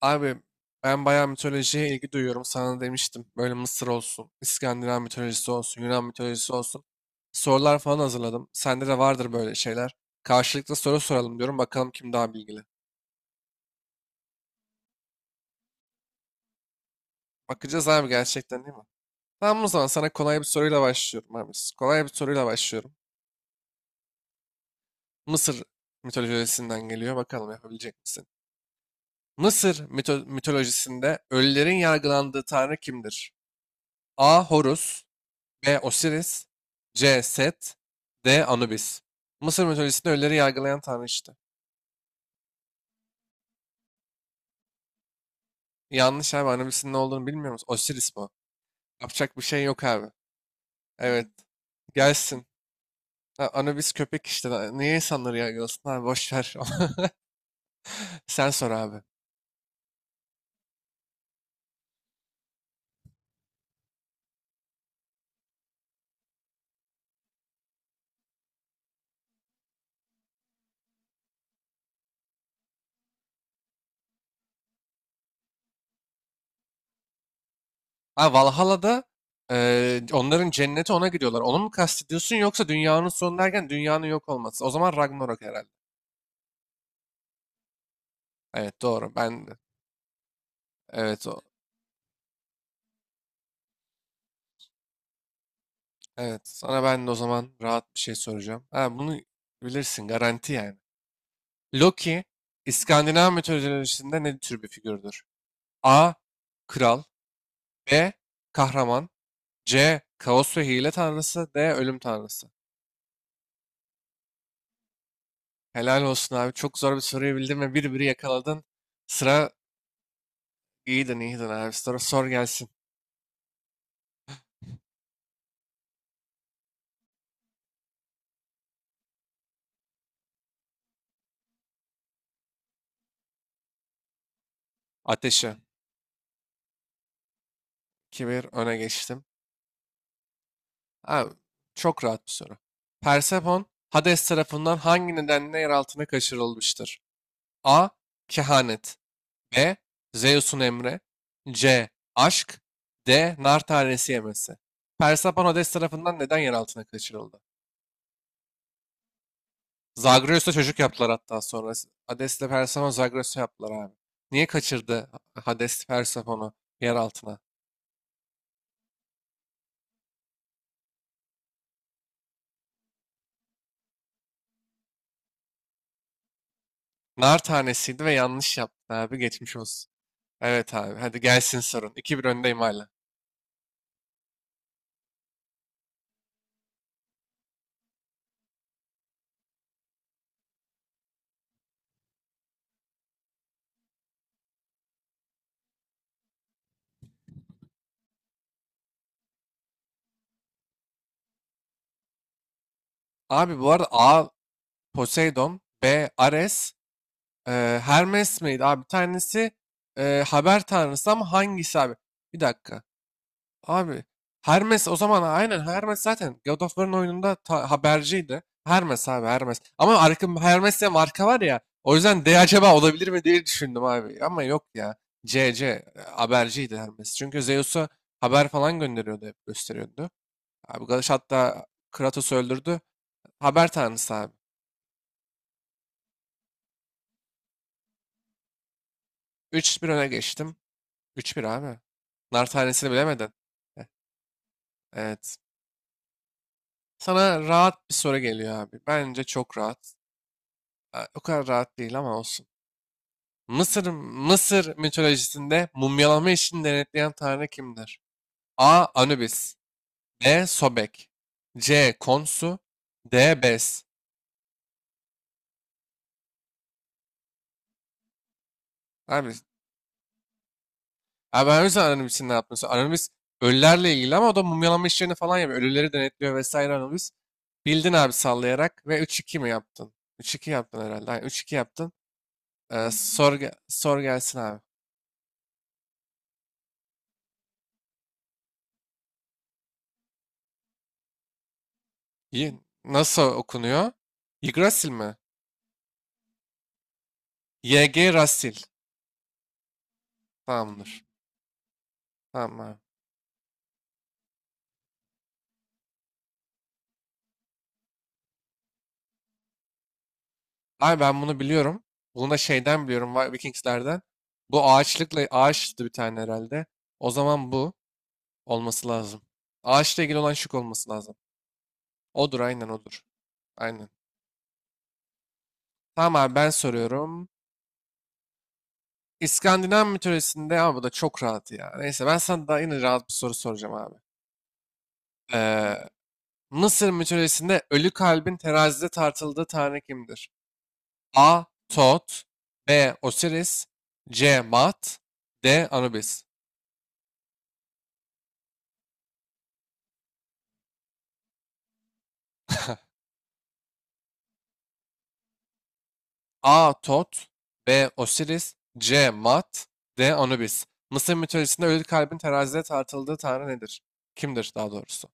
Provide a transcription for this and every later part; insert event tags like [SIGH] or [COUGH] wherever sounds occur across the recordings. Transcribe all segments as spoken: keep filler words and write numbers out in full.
Abi ben bayağı mitolojiye ilgi duyuyorum. Sana demiştim. Böyle Mısır olsun, İskandinav mitolojisi olsun, Yunan mitolojisi olsun. Sorular falan hazırladım. Sende de vardır böyle şeyler. Karşılıklı soru soralım diyorum. Bakalım kim daha bilgili. Bakacağız abi, gerçekten değil mi? Tamam, o zaman sana kolay bir soruyla başlıyorum abi. Kolay bir soruyla başlıyorum. Mısır mitolojisinden geliyor. Bakalım yapabilecek misin? Mısır mito- mitolojisinde ölülerin yargılandığı tanrı kimdir? A. Horus B. Osiris C. Set D. Anubis. Mısır mitolojisinde ölüleri yargılayan tanrı işte. Yanlış abi, Anubis'in ne olduğunu bilmiyor musun? Osiris bu. Yapacak bir şey yok abi. Evet. Gelsin. Ha, Anubis köpek işte. Da- Niye insanları yargılasın abi? Boş ver. [LAUGHS] Sen sor abi. Ha, Valhalla'da eee, onların cenneti, ona gidiyorlar. Onu mu kastediyorsun, yoksa dünyanın sonu derken dünyanın yok olması? O zaman Ragnarok herhalde. Evet doğru. Ben de. Evet o- Evet, sana ben de o zaman rahat bir şey soracağım. Ha, bunu bilirsin, garanti yani. Loki, İskandinav mitolojisinde ne tür bir figürdür? A. Kral B. Kahraman C. Kaos ve hile tanrısı D. Ölüm tanrısı. Helal olsun abi. Çok zor bir soruyu bildin ve bir biri yakaladın. Sıra iyiydin, iyiydin abi. Sıra sor gelsin. Ateşe. iki bir öne geçtim. Abi, çok rahat bir soru. Persephone, Hades tarafından hangi nedenle yer altına kaçırılmıştır? A. Kehanet B. Zeus'un emri C. Aşk D. Nar tanesi yemesi. Persephone Hades tarafından neden yer altına kaçırıldı? Zagreus'ta çocuk yaptılar hatta sonra. Hades'le Persephone Zagreus'u yaptılar abi. Niye kaçırdı Hades Persephone'u yer altına? Nar tanesiydi ve yanlış yaptı abi, geçmiş olsun. Evet abi, hadi gelsin sorun. iki bir öndeyim hala. Abi bu arada A Poseidon, B Ares, e, Hermes miydi abi? Bir tanesi e, haber tanrısı, ama hangisi abi? Bir dakika. Abi Hermes o zaman, aynen Hermes zaten God of War'ın oyununda ta- haberciydi. Hermes abi, Hermes. Ama arka, Hermes diye marka var ya. O yüzden D acaba olabilir mi diye düşündüm abi. Ama yok ya. C, C e, haberciydi Hermes. Çünkü Zeus'a haber falan gönderiyordu, hep gösteriyordu. Abi Galaş hatta Kratos'u öldürdü. Haber tanrısı abi. üç bir öne geçtim. üç bir abi. Nar tanesini bilemedin. Eh, Evet. Sana rahat bir soru geliyor abi. Bence çok rahat. Ha, o kadar rahat değil ama olsun. Mısır, Mısır mitolojisinde mumyalama işini denetleyen tanrı kimdir? A. Anubis B. Sobek C. Konsu D. Bes. Abi Abi ben o yüzden Anonymous ne yaptım. Anonymous ölülerle ilgili, ama o da mumyalama işlerini falan yapıyor. Ölüleri denetliyor vesaire Anonymous. Bildin abi, sallayarak, ve üç iki mi yaptın? Üç iki yaptın herhalde. Aynen, üç iki yaptın. Ee, sor, ge- sor gelsin abi. Y- Nasıl okunuyor? Yggdrasil mi? Y G Rasil. Tamamdır. Tamam abi. Abi ben bunu biliyorum. Bunu da şeyden biliyorum. Vi- Vikingslerden. Bu ağaçlıkla ağaçtı bir tane herhalde. O zaman bu olması lazım. Ağaçla ilgili olan şık olması lazım. Odur, aynen odur. Aynen. Tamam abi, ben soruyorum. İskandinav mitolojisinde, ama bu da çok rahat ya. Neyse, ben sana daha yine rahat bir soru soracağım abi. Ee, Mısır mitolojisinde ölü kalbin terazide tartıldığı tanrı kimdir? A. Tot B. Osiris C. Mat D. Anubis. A. Tot B. Osiris C. Mat D. Anubis. Mısır mitolojisinde ölü kalbin terazide tartıldığı tanrı nedir? Kimdir daha doğrusu?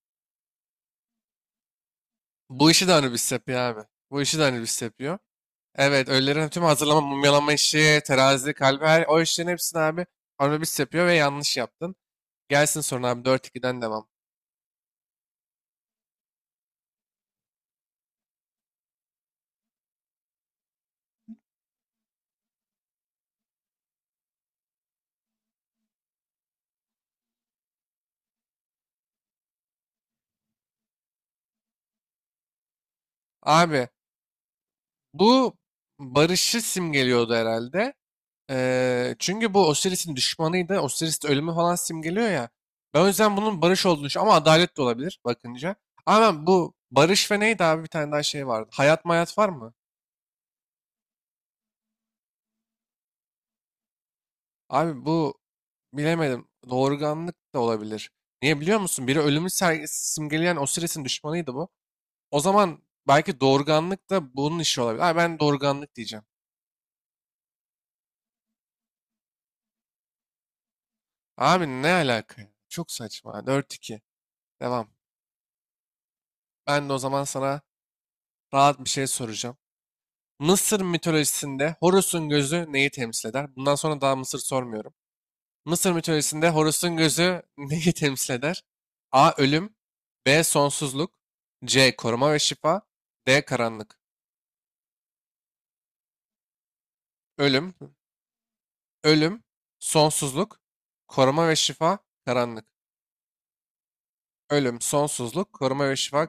Bu işi de Anubis yapıyor abi. Bu işi de Anubis yapıyor. Evet, ölülerin tüm hazırlama, mumyalama işi, terazi, kalbi, her, o işlerin hepsini abi Anubis yapıyor, ve yanlış yaptın. Gelsin sonra abi, dört ikiden devam. Abi bu barışı simgeliyordu herhalde. Ee, çünkü bu Osiris'in düşmanıydı. Osiris de ölümü falan simgeliyor ya. Ben o yüzden bunun barış olduğunu düşünüyorum. Ama adalet de olabilir bakınca. Ama ben bu barış ve neydi abi, bir tane daha şey vardı. Hayat mayat var mı? Abi bu bilemedim. Doğurganlık da olabilir. Niye biliyor musun? Biri ölümü ser- simgeleyen Osiris'in düşmanıydı bu. O zaman belki doğurganlık da bunun işi olabilir. Abi ben doğurganlık diyeceğim. Abi ne alaka ya? Çok saçma. Dört iki. Devam. Ben de o zaman sana rahat bir şey soracağım. Mısır mitolojisinde Horus'un gözü neyi temsil eder? Bundan sonra daha Mısır sormuyorum. Mısır mitolojisinde Horus'un gözü [LAUGHS] neyi temsil eder? A. Ölüm B. Sonsuzluk C. Koruma ve şifa D. Karanlık. Ölüm. Ölüm. Sonsuzluk. Koruma ve şifa. Karanlık. Ölüm, Sonsuzluk, Koruma ve şifa.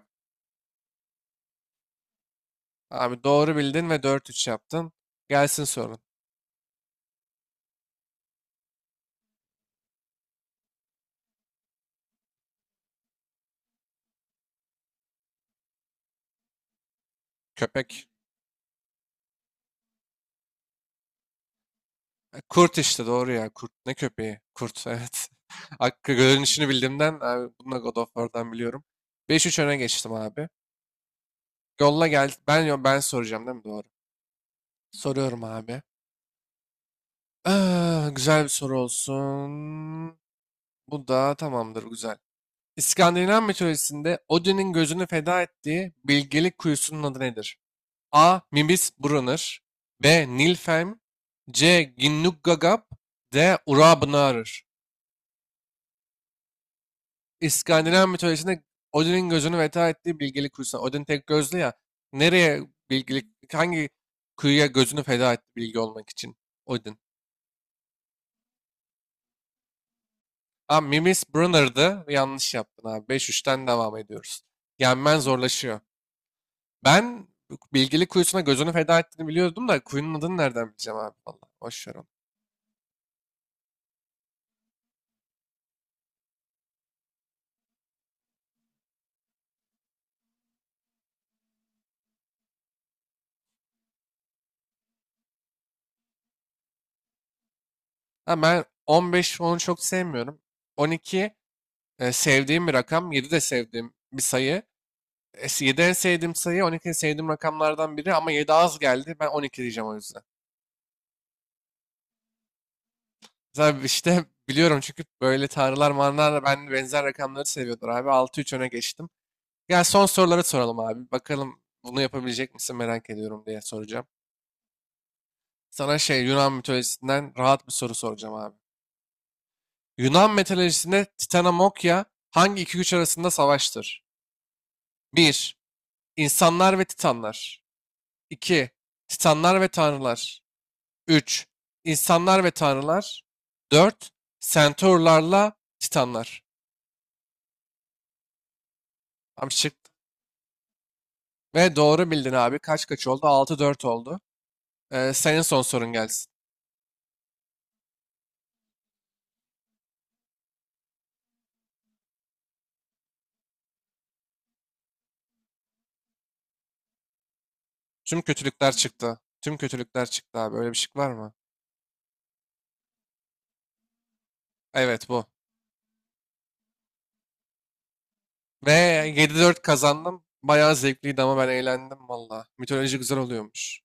Abi doğru bildin ve dört üç yaptın. Gelsin sorun. Köpek. E, Kurt işte, doğru ya. Kurt, ne köpeği? Kurt, evet. [LAUGHS] Hakkı görünüşünü bildiğimden abi, bunu da God of War'dan biliyorum. Beş üç öne geçtim abi. Yolla, gel. Ben ben soracağım değil mi? Doğru. Soruyorum abi. Ah, güzel bir soru olsun. Bu da tamamdır, güzel. İskandinav mitolojisinde Odin'in gözünü feda ettiği bilgelik kuyusunun adı nedir? A. Mimsbrunner B. Nilfheim C. Ginnungagap D. Urabnarır. İskandinav mitolojisinde Odin'in gözünü feda ettiği bilgelik kuyusu. Odin tek gözlü ya. Nereye, bilgelik, hangi kuyuya gözünü feda etti bilgi olmak için? Odin. Abi Mimis Brunner'dı. Yanlış yaptın abi. beş üçten devam ediyoruz. Yenmen zorlaşıyor. Ben bilgili kuyusuna gözünü feda ettiğini biliyordum da kuyunun adını nereden bileceğim abi, valla. Boş ver onu. Ha, ben on beş onu çok sevmiyorum. on iki e, sevdiğim bir rakam. Yedi de sevdiğim bir sayı. yedi en sevdiğim sayı, on iki en sevdiğim rakamlardan biri, ama yedi az geldi. Ben on iki diyeceğim o yüzden. Zaten işte biliyorum çünkü böyle tanrılar manlar da ben benzer rakamları seviyordur abi. Altı üç öne geçtim. Ya, son soruları soralım abi. Bakalım bunu yapabilecek misin merak ediyorum diye soracağım. Sana şey Yunan mitolojisinden rahat bir soru soracağım abi. Yunan mitolojisinde Titanamokya hangi iki güç arasında savaştır? bir. İnsanlar ve Titanlar. iki. Titanlar ve Tanrılar. üç. İnsanlar ve Tanrılar. dört. Centaurlarla Titanlar. Abi çıktı. Ve doğru bildin abi. Kaç kaç oldu? altı dört oldu. Ee, senin son sorun gelsin. Tüm kötülükler çıktı. Tüm kötülükler çıktı abi. Öyle bir şey var mı? Evet bu. Ve yedi dört kazandım. Bayağı zevkliydi, ama ben eğlendim valla. Mitoloji güzel oluyormuş.